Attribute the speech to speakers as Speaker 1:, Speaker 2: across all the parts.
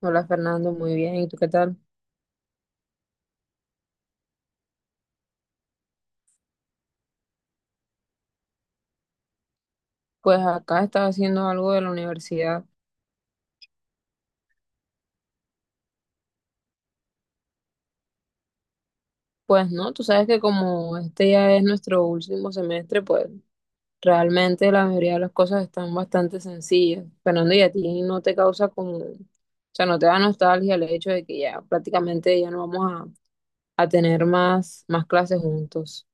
Speaker 1: Hola Fernando, muy bien. ¿Y tú qué tal? Pues acá estaba haciendo algo de la universidad. Pues no, tú sabes que como este ya es nuestro último semestre, pues realmente la mayoría de las cosas están bastante sencillas. Fernando, ¿y a ti no te causa como, o sea, no te da nostalgia el hecho de que ya prácticamente ya no vamos a tener más clases juntos?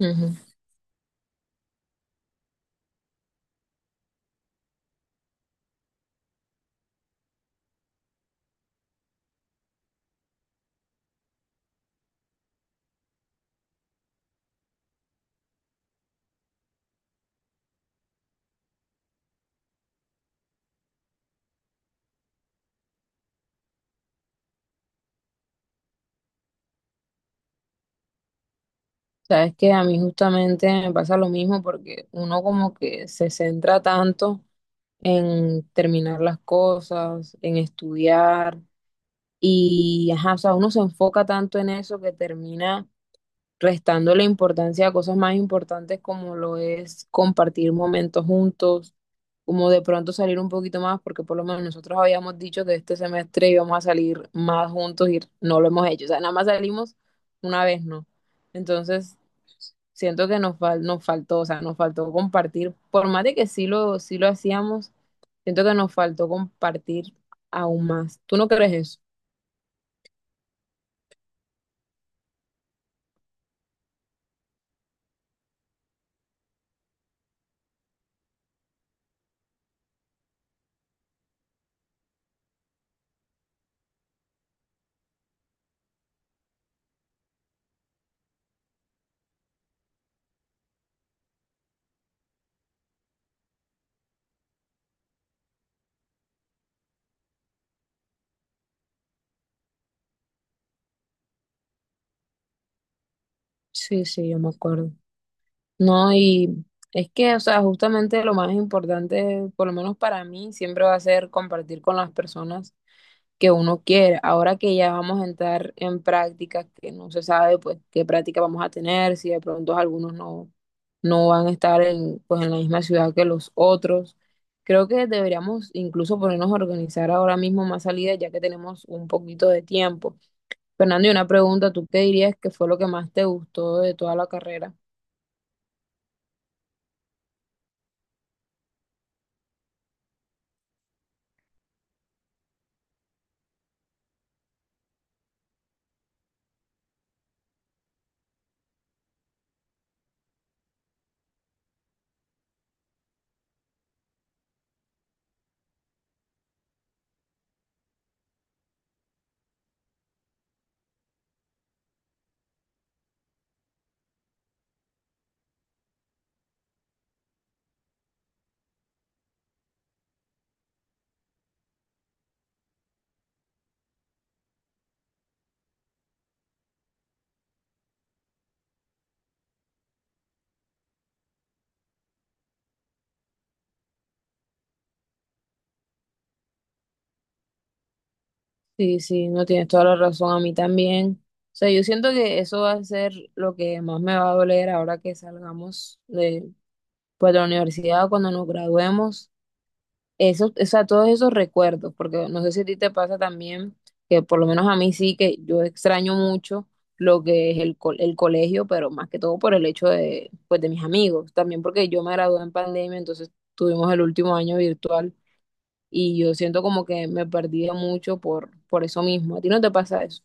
Speaker 1: Ujú. Sabes que a mí justamente me pasa lo mismo porque uno como que se centra tanto en terminar las cosas, en estudiar. Y, ajá, o sea, uno se enfoca tanto en eso que termina restando la importancia a cosas más importantes como lo es compartir momentos juntos, como de pronto salir un poquito más, porque por lo menos nosotros habíamos dicho que este semestre íbamos a salir más juntos y no lo hemos hecho. O sea, nada más salimos una vez, ¿no? Entonces, siento que nos faltó, o sea, nos faltó compartir, por más de que sí lo hacíamos. Siento que nos faltó compartir aún más. ¿Tú no crees eso? Sí, sí, yo me acuerdo. No, y es que, o sea, justamente lo más importante, por lo menos para mí, siempre va a ser compartir con las personas que uno quiere. Ahora que ya vamos a entrar en prácticas que no se sabe, pues, qué práctica vamos a tener, si de pronto algunos no van a estar en, pues, en la misma ciudad que los otros. Creo que deberíamos incluso ponernos a organizar ahora mismo más salidas, ya que tenemos un poquito de tiempo. Fernando, y una pregunta, ¿tú qué dirías que fue lo que más te gustó de toda la carrera? Sí, sí, no tienes toda la razón, a mí también. O sea, yo siento que eso va a ser lo que más me va a doler ahora que salgamos de, pues, de la universidad, cuando nos graduemos. Eso, o sea, todos esos recuerdos, porque no sé si a ti te pasa también, que por lo menos a mí sí, que yo extraño mucho lo que es el colegio, pero más que todo por el hecho de, pues, de mis amigos, también porque yo me gradué en pandemia, entonces tuvimos el último año virtual. Y yo siento como que me perdí mucho por eso mismo. ¿A ti no te pasa eso?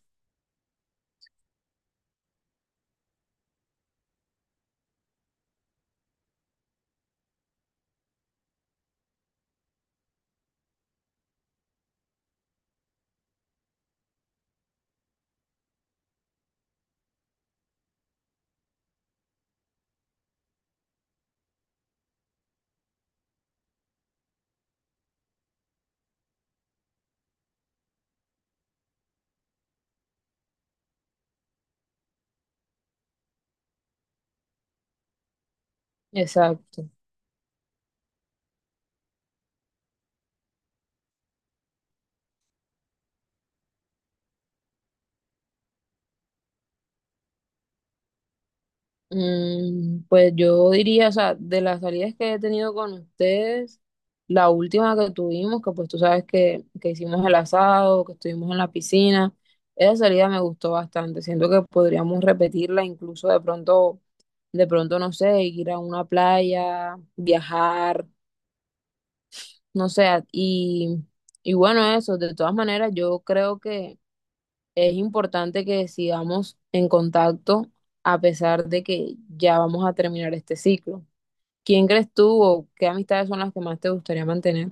Speaker 1: Exacto. Mm, pues yo diría, o sea, de las salidas que he tenido con ustedes, la última que tuvimos, que pues tú sabes que hicimos el asado, que estuvimos en la piscina, esa salida me gustó bastante. Siento que podríamos repetirla, incluso de pronto, no sé, ir a una playa, viajar, no sé, y bueno, eso, de todas maneras, yo creo que es importante que sigamos en contacto a pesar de que ya vamos a terminar este ciclo. ¿Quién crees tú o qué amistades son las que más te gustaría mantener?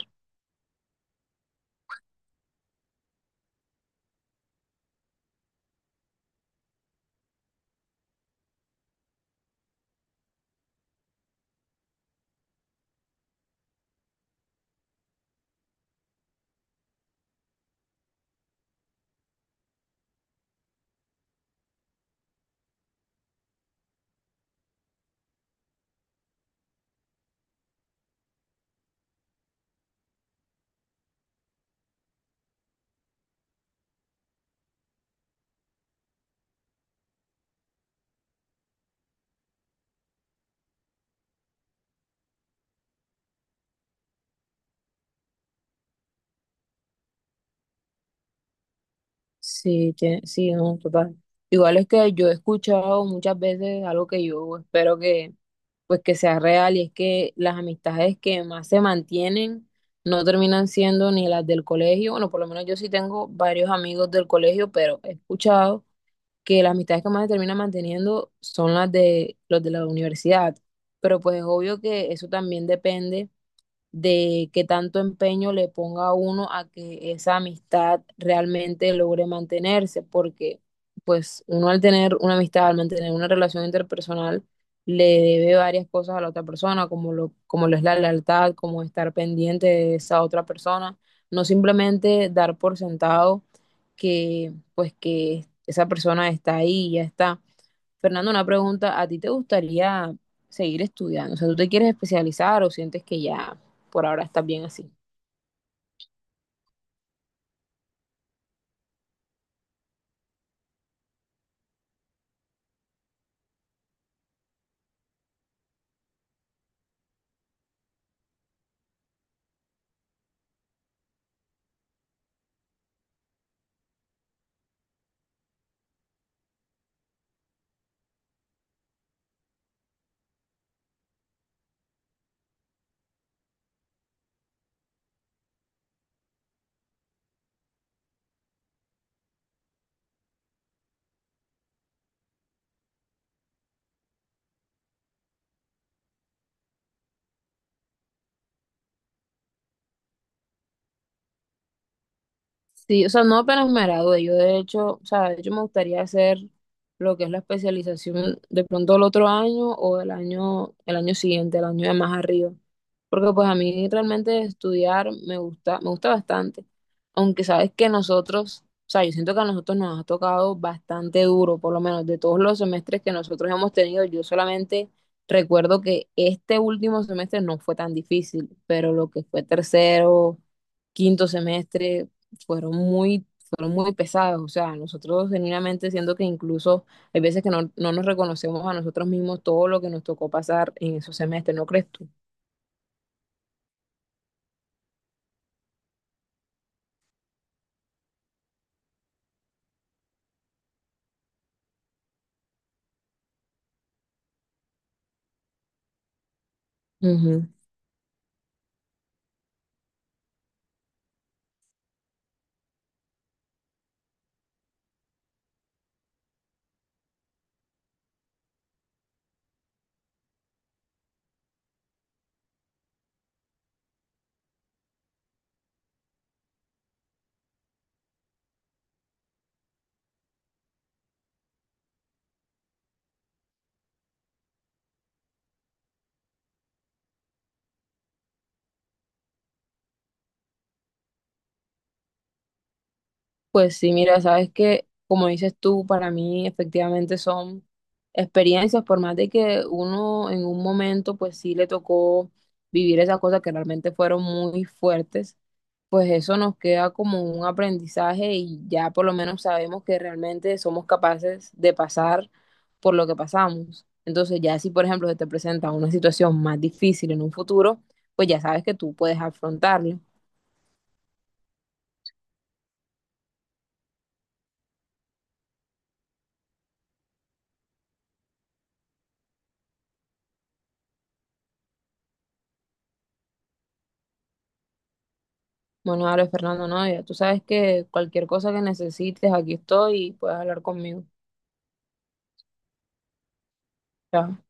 Speaker 1: Sí, sí, no, total. Igual es que yo he escuchado muchas veces algo que yo espero que pues que sea real y es que las amistades que más se mantienen no terminan siendo ni las del colegio. Bueno, por lo menos yo sí tengo varios amigos del colegio, pero he escuchado que las amistades que más se terminan manteniendo son las de los de la universidad. Pero pues es obvio que eso también depende de qué tanto empeño le ponga uno a que esa amistad realmente logre mantenerse, porque pues uno al tener una amistad, al mantener una relación interpersonal, le debe varias cosas a la otra persona, como lo es la lealtad, como estar pendiente de esa otra persona, no simplemente dar por sentado que pues que esa persona está ahí y ya está. Fernando, una pregunta, ¿a ti te gustaría seguir estudiando? O sea, ¿tú te quieres especializar o sientes que ya por ahora estás bien así? Sí, o sea, no apenas me gradué, yo de hecho, o sea, de hecho me gustaría hacer lo que es la especialización de pronto el otro año o el año siguiente, el año de más arriba. Porque pues a mí realmente estudiar me gusta bastante. Aunque sabes que nosotros, o sea, yo siento que a nosotros nos ha tocado bastante duro, por lo menos de todos los semestres que nosotros hemos tenido, yo solamente recuerdo que este último semestre no fue tan difícil, pero lo que fue tercero, quinto semestre, fueron muy pesadas. O sea, nosotros genuinamente siento que incluso hay veces que no nos reconocemos a nosotros mismos todo lo que nos tocó pasar en esos semestres, ¿no crees tú? Ujú. Pues sí, mira, sabes que, como dices tú, para mí efectivamente son experiencias, por más de que uno en un momento, pues sí le tocó vivir esas cosas que realmente fueron muy fuertes, pues eso nos queda como un aprendizaje y ya por lo menos sabemos que realmente somos capaces de pasar por lo que pasamos. Entonces ya si por ejemplo se te presenta una situación más difícil en un futuro, pues ya sabes que tú puedes afrontarlo. Bueno, dale, Fernando, no, ya tú sabes que cualquier cosa que necesites, aquí estoy y puedes hablar conmigo. Chao.